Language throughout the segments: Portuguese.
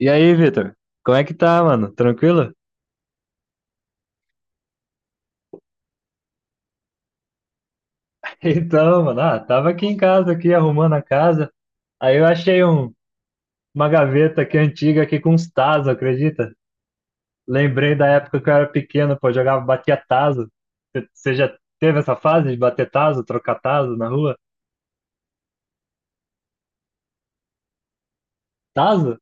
E aí, Vitor? Como é que tá, mano? Tranquilo? Então, mano, tava aqui em casa, aqui arrumando a casa. Aí eu achei um, Uma gaveta aqui antiga aqui com uns tazos, acredita? Lembrei da época que eu era pequeno, pô, jogava, batia tazo. Você já teve essa fase de bater tazo, trocar tazo na rua? Tazo?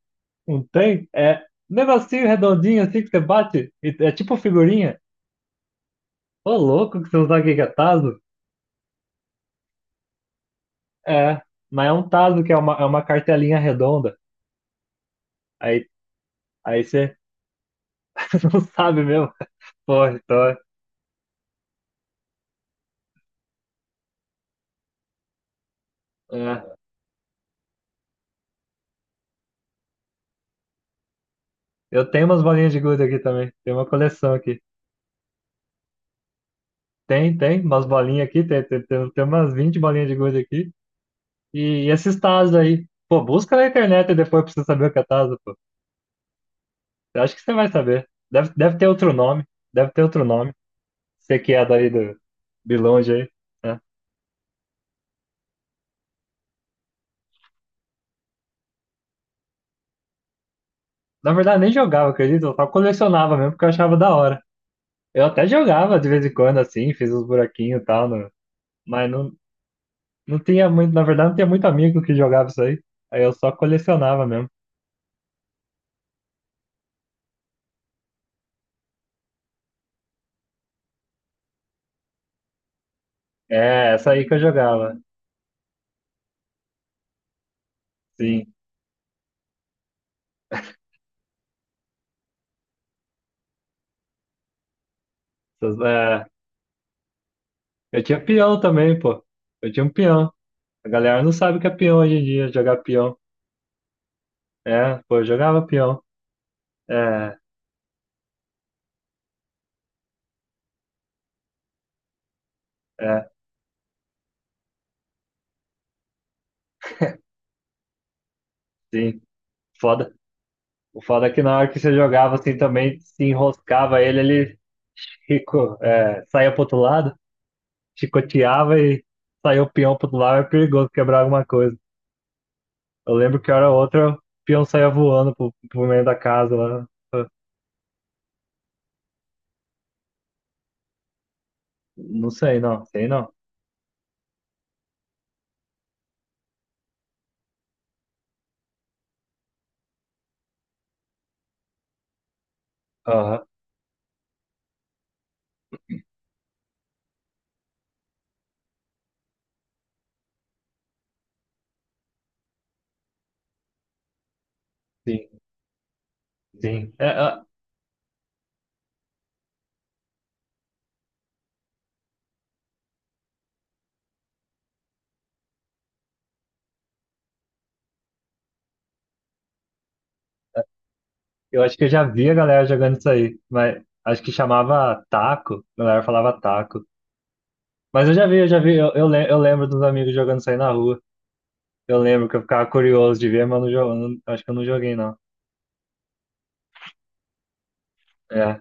Não tem? É um negocinho redondinho assim que você bate? É tipo figurinha? Ô, louco que você não sabe o que que é tazo? É, mas é um tazo que é é uma cartelinha redonda. Aí, aí você Não sabe mesmo? Porra, então. É. Eu tenho umas bolinhas de gude aqui também. Tem uma coleção aqui. Umas bolinhas aqui. Tem umas 20 bolinhas de gude aqui. E esses tazos aí. Pô, busca na internet e depois pra você saber o que é tazo, pô. Eu acho que você vai saber. Deve ter outro nome. Deve ter outro nome. Você que é daí do de longe aí, né? Na verdade, nem jogava, acredito. Eu só colecionava mesmo porque eu achava da hora. Eu até jogava de vez em quando, assim, fiz uns buraquinhos e tal, mas não, não tinha muito, na verdade, não tinha muito amigo que jogava isso aí. Aí eu só colecionava mesmo. É, essa aí que eu jogava. Sim. É, eu tinha peão também, pô. Eu tinha um peão. A galera não sabe o que é peão hoje em dia, jogar peão. É, pô, eu jogava peão. É, é, sim. Foda. O foda é que na hora que você jogava assim também, se enroscava ele, ele rico, é, saía pro outro lado, chicoteava e saiu o peão pro outro lado, é perigoso quebrar alguma coisa. Eu lembro que hora outra o peão saía voando pro, pro meio da casa lá. Eu- Não sei, não. Sei não. Aham, sim, sim. É, é, eu acho que eu já vi a galera jogando isso aí, mas acho que chamava taco. A galera falava taco. Mas eu já vi, eu já vi. Eu lembro dos amigos jogando isso aí na rua. Eu lembro que eu ficava curioso de ver, mas eu não, acho que eu não joguei, não. É,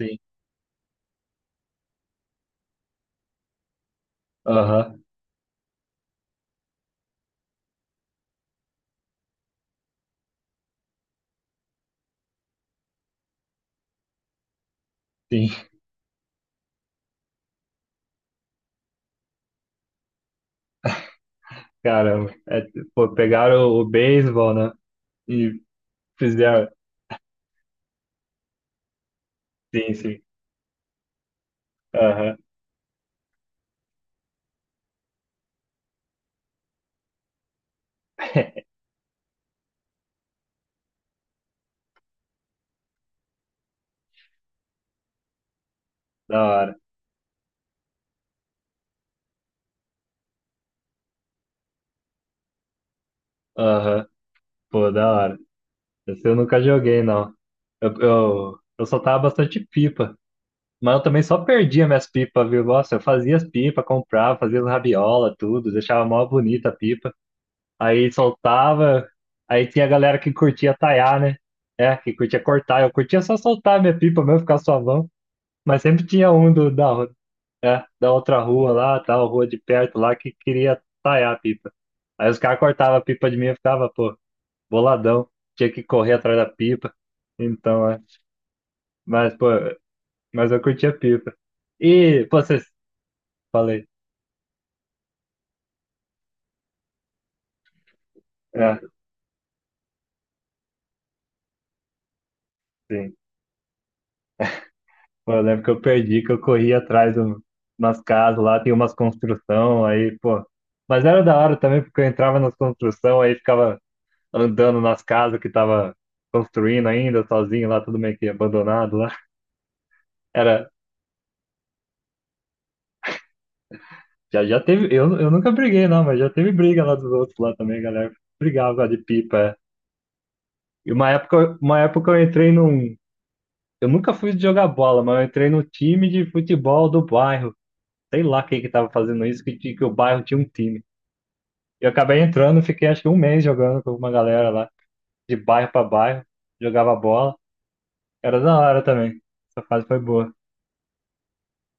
sim. Aham, sim. Caramba. É, pô, pegaram o beisebol, né? E fizeram. Sim, sim. Aham. Da hora. Aham, pô, da hora. Esse eu nunca joguei, não. Eu soltava bastante pipa, mas eu também só perdia minhas pipas, viu? Nossa, eu fazia as pipas, comprava, fazia as rabiola, tudo, deixava mó bonita a pipa. Aí soltava, aí tinha a galera que curtia taiar, né? É, que curtia cortar. Eu curtia só soltar a minha pipa mesmo, ficar suavão. Mas sempre tinha um do, da, ru- é, da outra rua lá, tal, rua de perto lá, que queria taiar a pipa. Aí os caras cortavam a pipa de mim e eu ficava, pô, boladão. Tinha que correr atrás da pipa. Então, é. Mas, pô, mas eu curti a pipa. E, pô, vocês. Falei. É, sim. Pô, eu lembro que eu perdi, que eu corri atrás de umas casas lá, tem umas construção, aí, pô. Mas era da hora também, porque eu entrava nas construção, aí ficava andando nas casas que tava construindo ainda, sozinho lá, tudo meio que abandonado lá. Era. Já teve. Eu nunca briguei, não, mas já teve briga lá dos outros lá também, galera. Brigava de pipa. É. E uma época eu entrei num. Eu nunca fui jogar bola, mas eu entrei no time de futebol do bairro. Sei lá quem que tava fazendo isso, que o bairro tinha um time. E eu acabei entrando, fiquei acho que um mês jogando com uma galera lá, de bairro pra bairro, jogava bola. Era da hora também. Essa fase foi boa.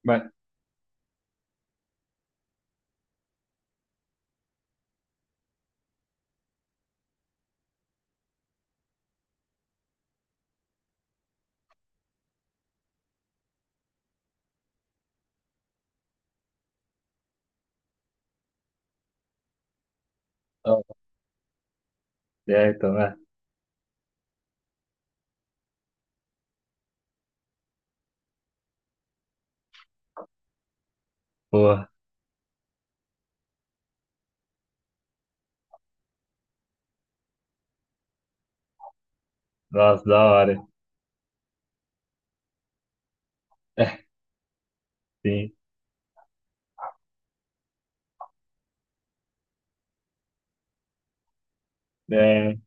Mas, ó, é, então, é. Porra, nossa, da hora. É, sim. É,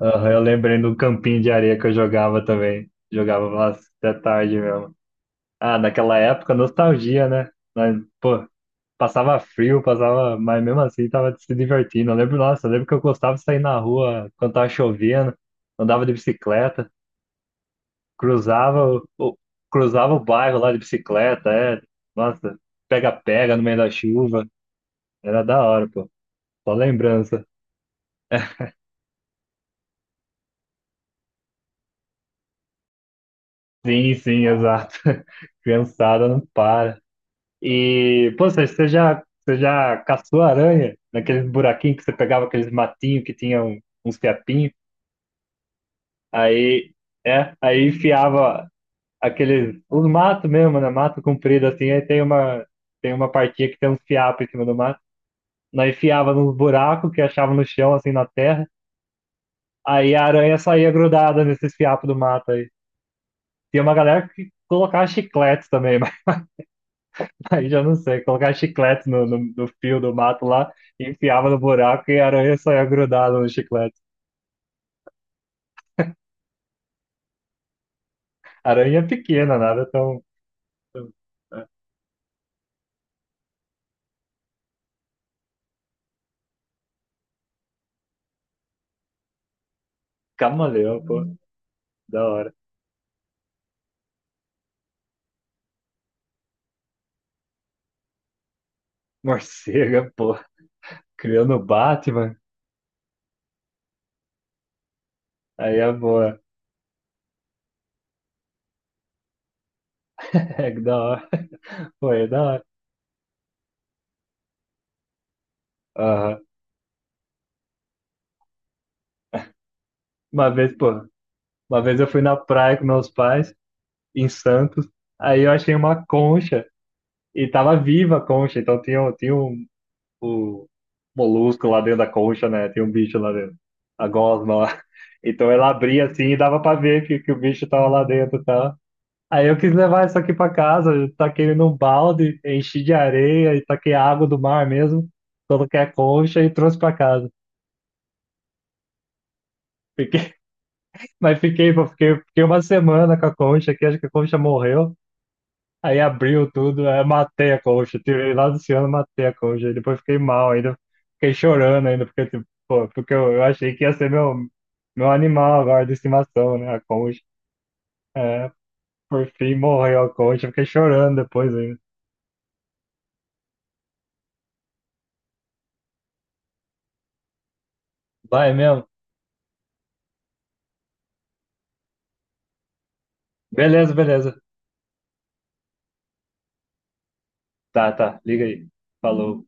aham, eu lembrei do campinho de areia que eu jogava também. Jogava lá até tarde mesmo. Ah, naquela época, nostalgia, né? Nós, pô, passava frio, passava, mas mesmo assim tava se divertindo. Eu lembro, nossa, eu lembro que eu gostava de sair na rua quando tava chovendo, andava de bicicleta, cruzava cruzava o bairro lá de bicicleta, é, nossa, pega-pega no meio da chuva, era da hora, pô. Só lembrança. Sim, sim, exato. Criançada não para. E, pô, você já caçou aranha naqueles buraquinhos que você pegava aqueles matinhos que tinham uns fiapinhos, aí, é, aí enfiava aqueles, os matos mesmo, né, mato comprido assim, tem uma partinha que tem uns fiapos em cima do mato, nós enfiava nos buracos que achava no chão, assim, na terra, aí a aranha saía grudada nesses fiapos do mato aí. Tinha uma galera que colocava chicletes também. Aí já não sei, colocar chiclete no fio do mato lá, enfiava no buraco e a aranha só ia grudada no chiclete. Aranha é pequena, nada é tão. tão- É. Camaleão, pô, da hora. Morcega, pô, criando o Batman, aí é boa. É que da hora, pô, é da hora. Aham. Uma vez, pô, uma vez eu fui na praia com meus pais, em Santos, aí eu achei uma concha, e tava viva a concha, então tinha um o molusco lá dentro da concha, né? Tem um bicho lá dentro. A gosma lá. Então ela abria assim e dava pra ver que o bicho tava lá dentro e tal. Aí eu quis levar isso aqui pra casa, eu taquei ele num balde, enchi de areia e taquei água do mar mesmo, coloquei a concha e trouxe pra casa. Fiquei, mas fiquei, pô, fiquei uma semana com a concha aqui, acho que a concha morreu. Aí abriu tudo, aí matei a coxa, tirei lá do ciano, matei a coxa, aí depois fiquei mal, ainda fiquei chorando ainda, porque, tipo, pô, porque eu achei que ia ser meu animal agora de estimação, né, a concha. É, por fim morreu a concha, fiquei chorando depois ainda. Vai mesmo? Beleza, beleza. Tá, tá, liga aí. Falou.